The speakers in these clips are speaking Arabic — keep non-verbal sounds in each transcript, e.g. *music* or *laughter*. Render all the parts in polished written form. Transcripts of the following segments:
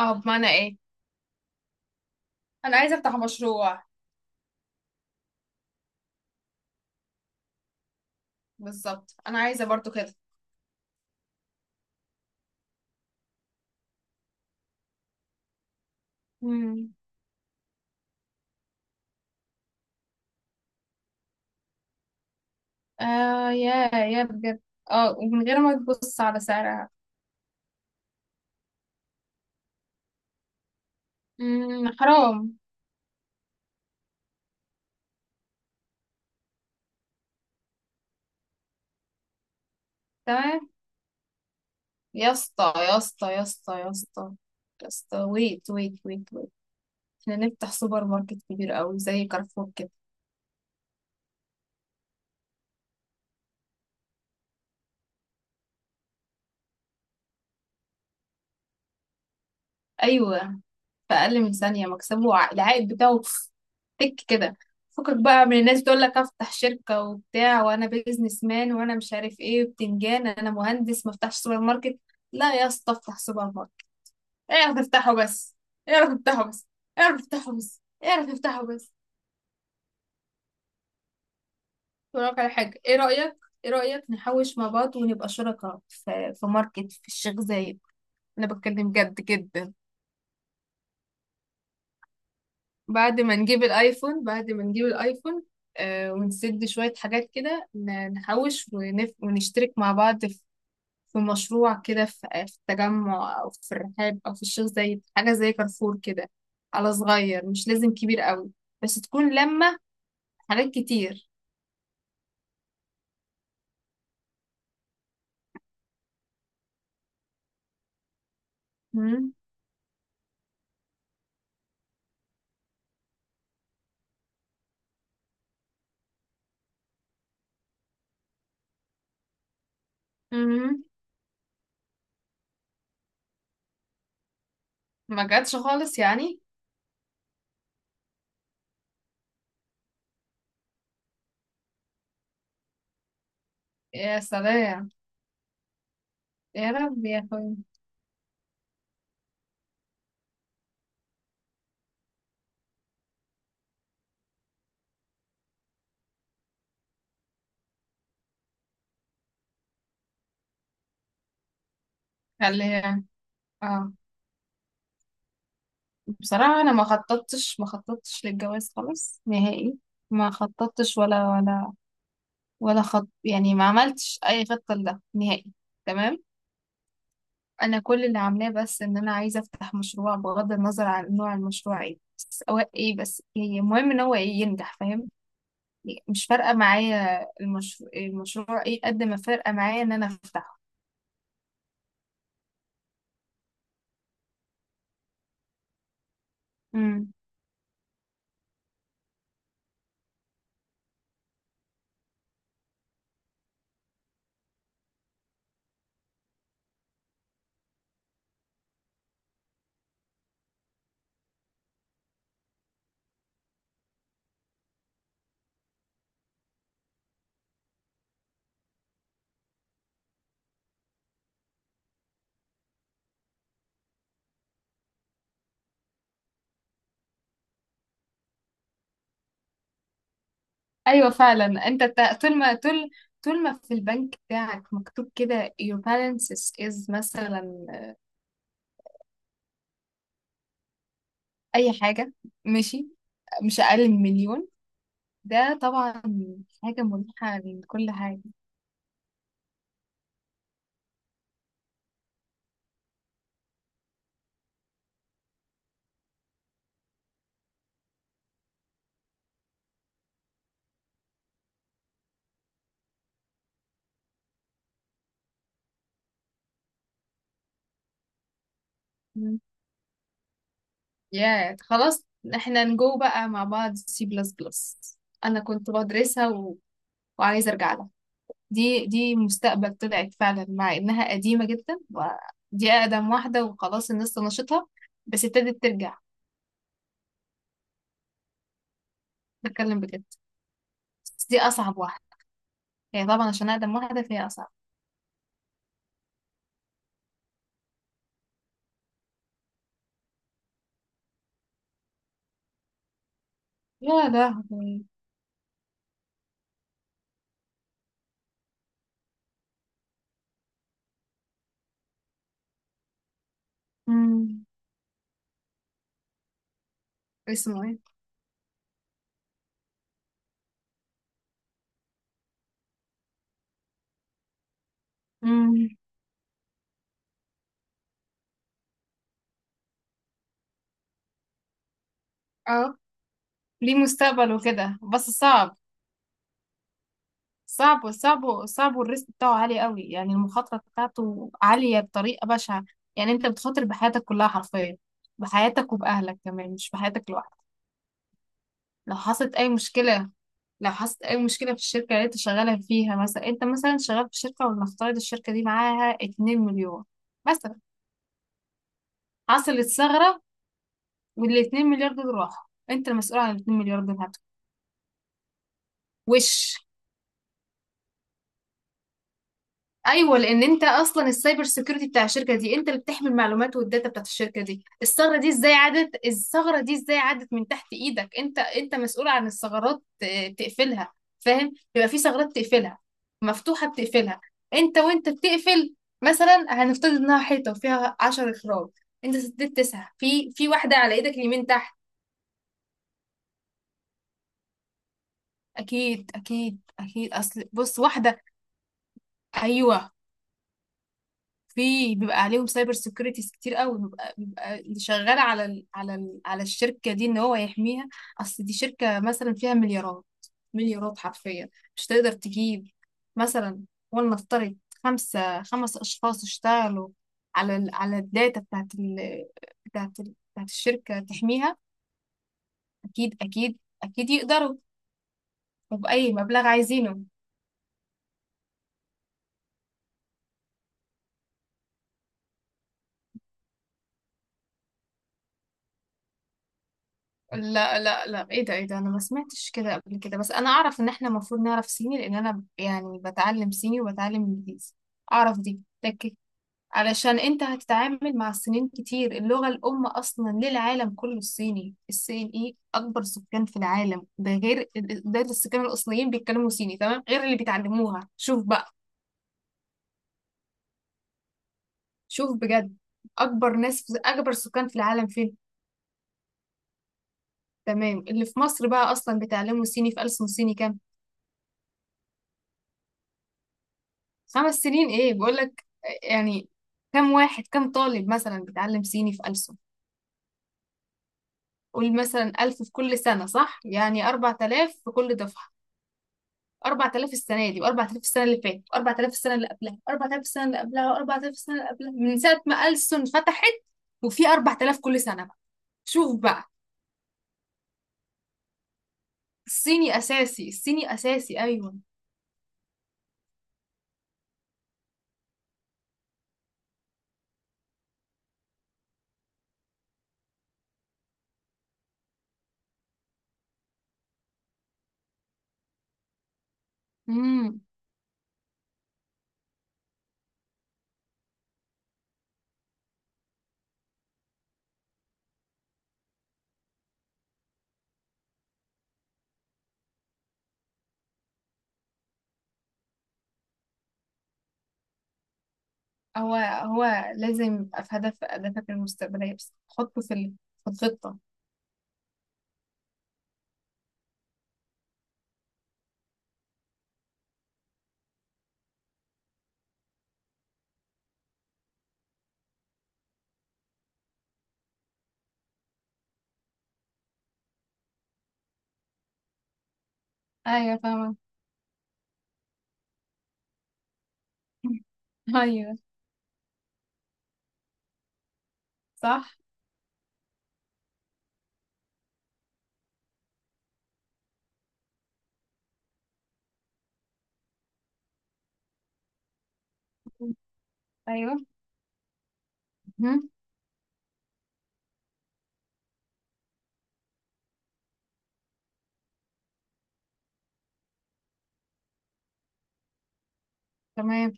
اه، بمعنى ايه؟ انا عايزه افتح مشروع. بالظبط، انا عايزه برضو كده. امم. آه، يا بجد. اه، ومن غير ما تبص على سعرها. امم، حرام. تمام. يا اسطى يا اسطى يا اسطى يا اسطى يا اسطى، ويت ويت ويت ويت، احنا نفتح سوبر ماركت كبير قوي زي كارفور كده؟ ايوه. في اقل من ثانيه مكسبه العائد بتاعه تك كده. فكك بقى من الناس تقول لك افتح شركه وبتاع، وانا بيزنس مان وانا مش عارف ايه وبتنجان. انا مهندس، ما افتحش سوبر ماركت؟ لا يا اسطى، افتح سوبر ماركت. اعرف افتحه بس، اعرف افتحه بس، اعرف افتحه بس، اعرف افتحه بس. أقول لك على حاجه، ايه رايك؟ ايه رايك نحوش مع بعض ونبقى شركاء في ماركت في الشيخ زايد؟ انا بتكلم جد جدا. بعد ما نجيب الايفون، بعد ما نجيب الايفون، آه، ونسد شوية حاجات كده، نحوش ونشترك مع بعض في مشروع كده، في التجمع أو في الرحاب أو في الشيخ زايد، حاجة زي كارفور كده. على صغير، مش لازم كبير قوي، بس تكون لما حاجات كتير. مم. مم. ما جاتش خالص يعني. يا سلام. يا رب يا اخوي. خليها. اه. بصراحة أنا ما خططتش للجواز خالص نهائي. ما خططتش ولا خط، يعني ما عملتش أي خطة لده نهائي. تمام. أنا كل اللي عاملاه بس إن أنا عايزة أفتح مشروع، بغض النظر عن نوع المشروع إيه، بس هو إيه، بس هي، المهم إن هو إيه ينجح، فاهم؟ يعني مش فارقة معايا المشروع إيه، قد ما فارقة معايا إن أنا أفتحه. امم. أيوة، فعلا. أنت طول ما في البنك بتاعك مكتوب كده your balance is، مثلا، اي حاجه، ماشي، مش اقل من مليون، ده طبعا حاجه مريحه من كل حاجه. مم. يا خلاص، احنا نجو بقى مع بعض سي بلس بلس. انا كنت بدرسها وعايزه ارجع لها. دي مستقبل طلعت فعلا، مع انها قديمه جدا. ودي اقدم واحده، وخلاص الناس طنشتها، بس ابتدت ترجع. بتكلم بجد. بس دي اصعب واحده، هي طبعا عشان اقدم واحده فهي اصعب. يا لهوي. مم. اسمه ايه؟ مم. اه. ليه مستقبل وكده بس صعب. صعب صعب صعب، والريسك بتاعه عالي قوي، يعني المخاطرة بتاعته عالية بطريقة بشعة. يعني انت بتخاطر بحياتك كلها حرفيا، بحياتك وبأهلك كمان، مش بحياتك لوحدك. لو حصلت أي مشكلة. لو حصلت أي مشكلة في الشركة اللي انت شغالة فيها، مثلا انت مثلا شغال في شركة، ولنفترض الشركة دي معاها 2 مليون، مثلا، حصلت ثغرة، وال 2 مليار دول راحوا، انت المسؤول عن ال 2 مليار دول هتوع. وش؟ ايوه، لان انت اصلا السايبر سيكيورتي بتاع الشركه دي، انت اللي بتحمي المعلومات والداتا بتاعت الشركه دي. الثغره دي ازاي عدت؟ الثغره دي ازاي عدت من تحت ايدك؟ انت مسؤول عن الثغرات، تقفلها. فاهم؟ يبقى في ثغرات تقفلها، مفتوحه بتقفلها، انت وانت بتقفل. مثلا هنفترض انها حيطه فيها 10 اخراج. انت سددت تسعه، في واحده على ايدك اليمين تحت. اكيد اكيد اكيد، اصل بص واحده. ايوه. في، بيبقى عليهم سايبر سيكيورتيز كتير قوي، بيبقى اللي شغال على الشركه دي ان هو يحميها. اصل دي شركه مثلا فيها مليارات، مليارات حرفيا، مش تقدر تجيب، مثلا، ولنفترض، خمس اشخاص اشتغلوا على الداتا بتاعت الشركه تحميها؟ اكيد اكيد اكيد يقدروا، وبأي مبلغ عايزينه. لا لا لا، ايه ده؟ ايه ده؟ انا ما سمعتش كده قبل كده. بس انا اعرف ان احنا المفروض نعرف صيني، لان انا يعني بتعلم صيني وبتعلم انجليزي. اعرف دي لكن. علشان انت هتتعامل مع الصينيين كتير. اللغة الام اصلا للعالم كله الصيني. الصين ايه؟ اكبر سكان في العالم، ده غير، ده السكان الاصليين بيتكلموا صيني تمام، غير اللي بيتعلموها. شوف بقى. شوف بجد. اكبر سكان في العالم فين؟ تمام. اللي في مصر بقى اصلا بيتعلموا صيني في ألسن صيني كام؟ 5 سنين؟ ايه بقول لك، يعني كم طالب مثلا بيتعلم صيني في ألسن؟ قول مثلا 1,000 في كل سنة، صح؟ يعني 4,000 في كل دفعة. 4,000 السنة دي، وأربع آلاف السنة اللي فاتت، وأربع آلاف السنة اللي قبلها، وأربع آلاف السنة اللي قبلها، وأربع آلاف السنة اللي قبلها، من ساعة ما ألسن فتحت. وفي 4,000 كل سنة بقى. شوف بقى. الصيني أساسي، الصيني أساسي، أيوه. امم. هو لازم يبقى في هدف أهدافك المستقبلية، بس حطه في في الخطة. أيوه فاهمة. *laughs* ايوه. صح. ايوه. مهم. تمام.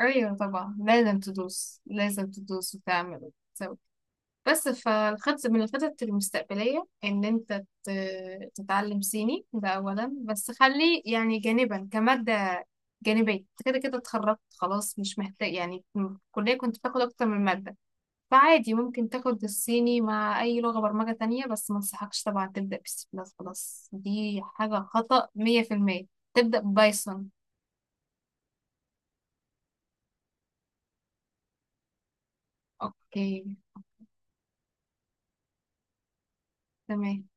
ايوه طبعا، لازم تدوس، لازم تدوس وتعمل وتسوي. بس فالخطط، من الخطط المستقبلية ان انت تتعلم صيني ده اولا. بس خلي يعني جانبا كمادة جانبية. انت كده كده اتخرجت خلاص، مش محتاج. يعني في الكلية كنت بتاخد اكتر من مادة، فعادي ممكن تاخد الصيني مع اي لغة برمجة تانية. بس ما انصحكش طبعا تبدأ بسي بلس بلس، دي حاجة خطأ 100%. تبدأ بايثون. اوكي. تمام.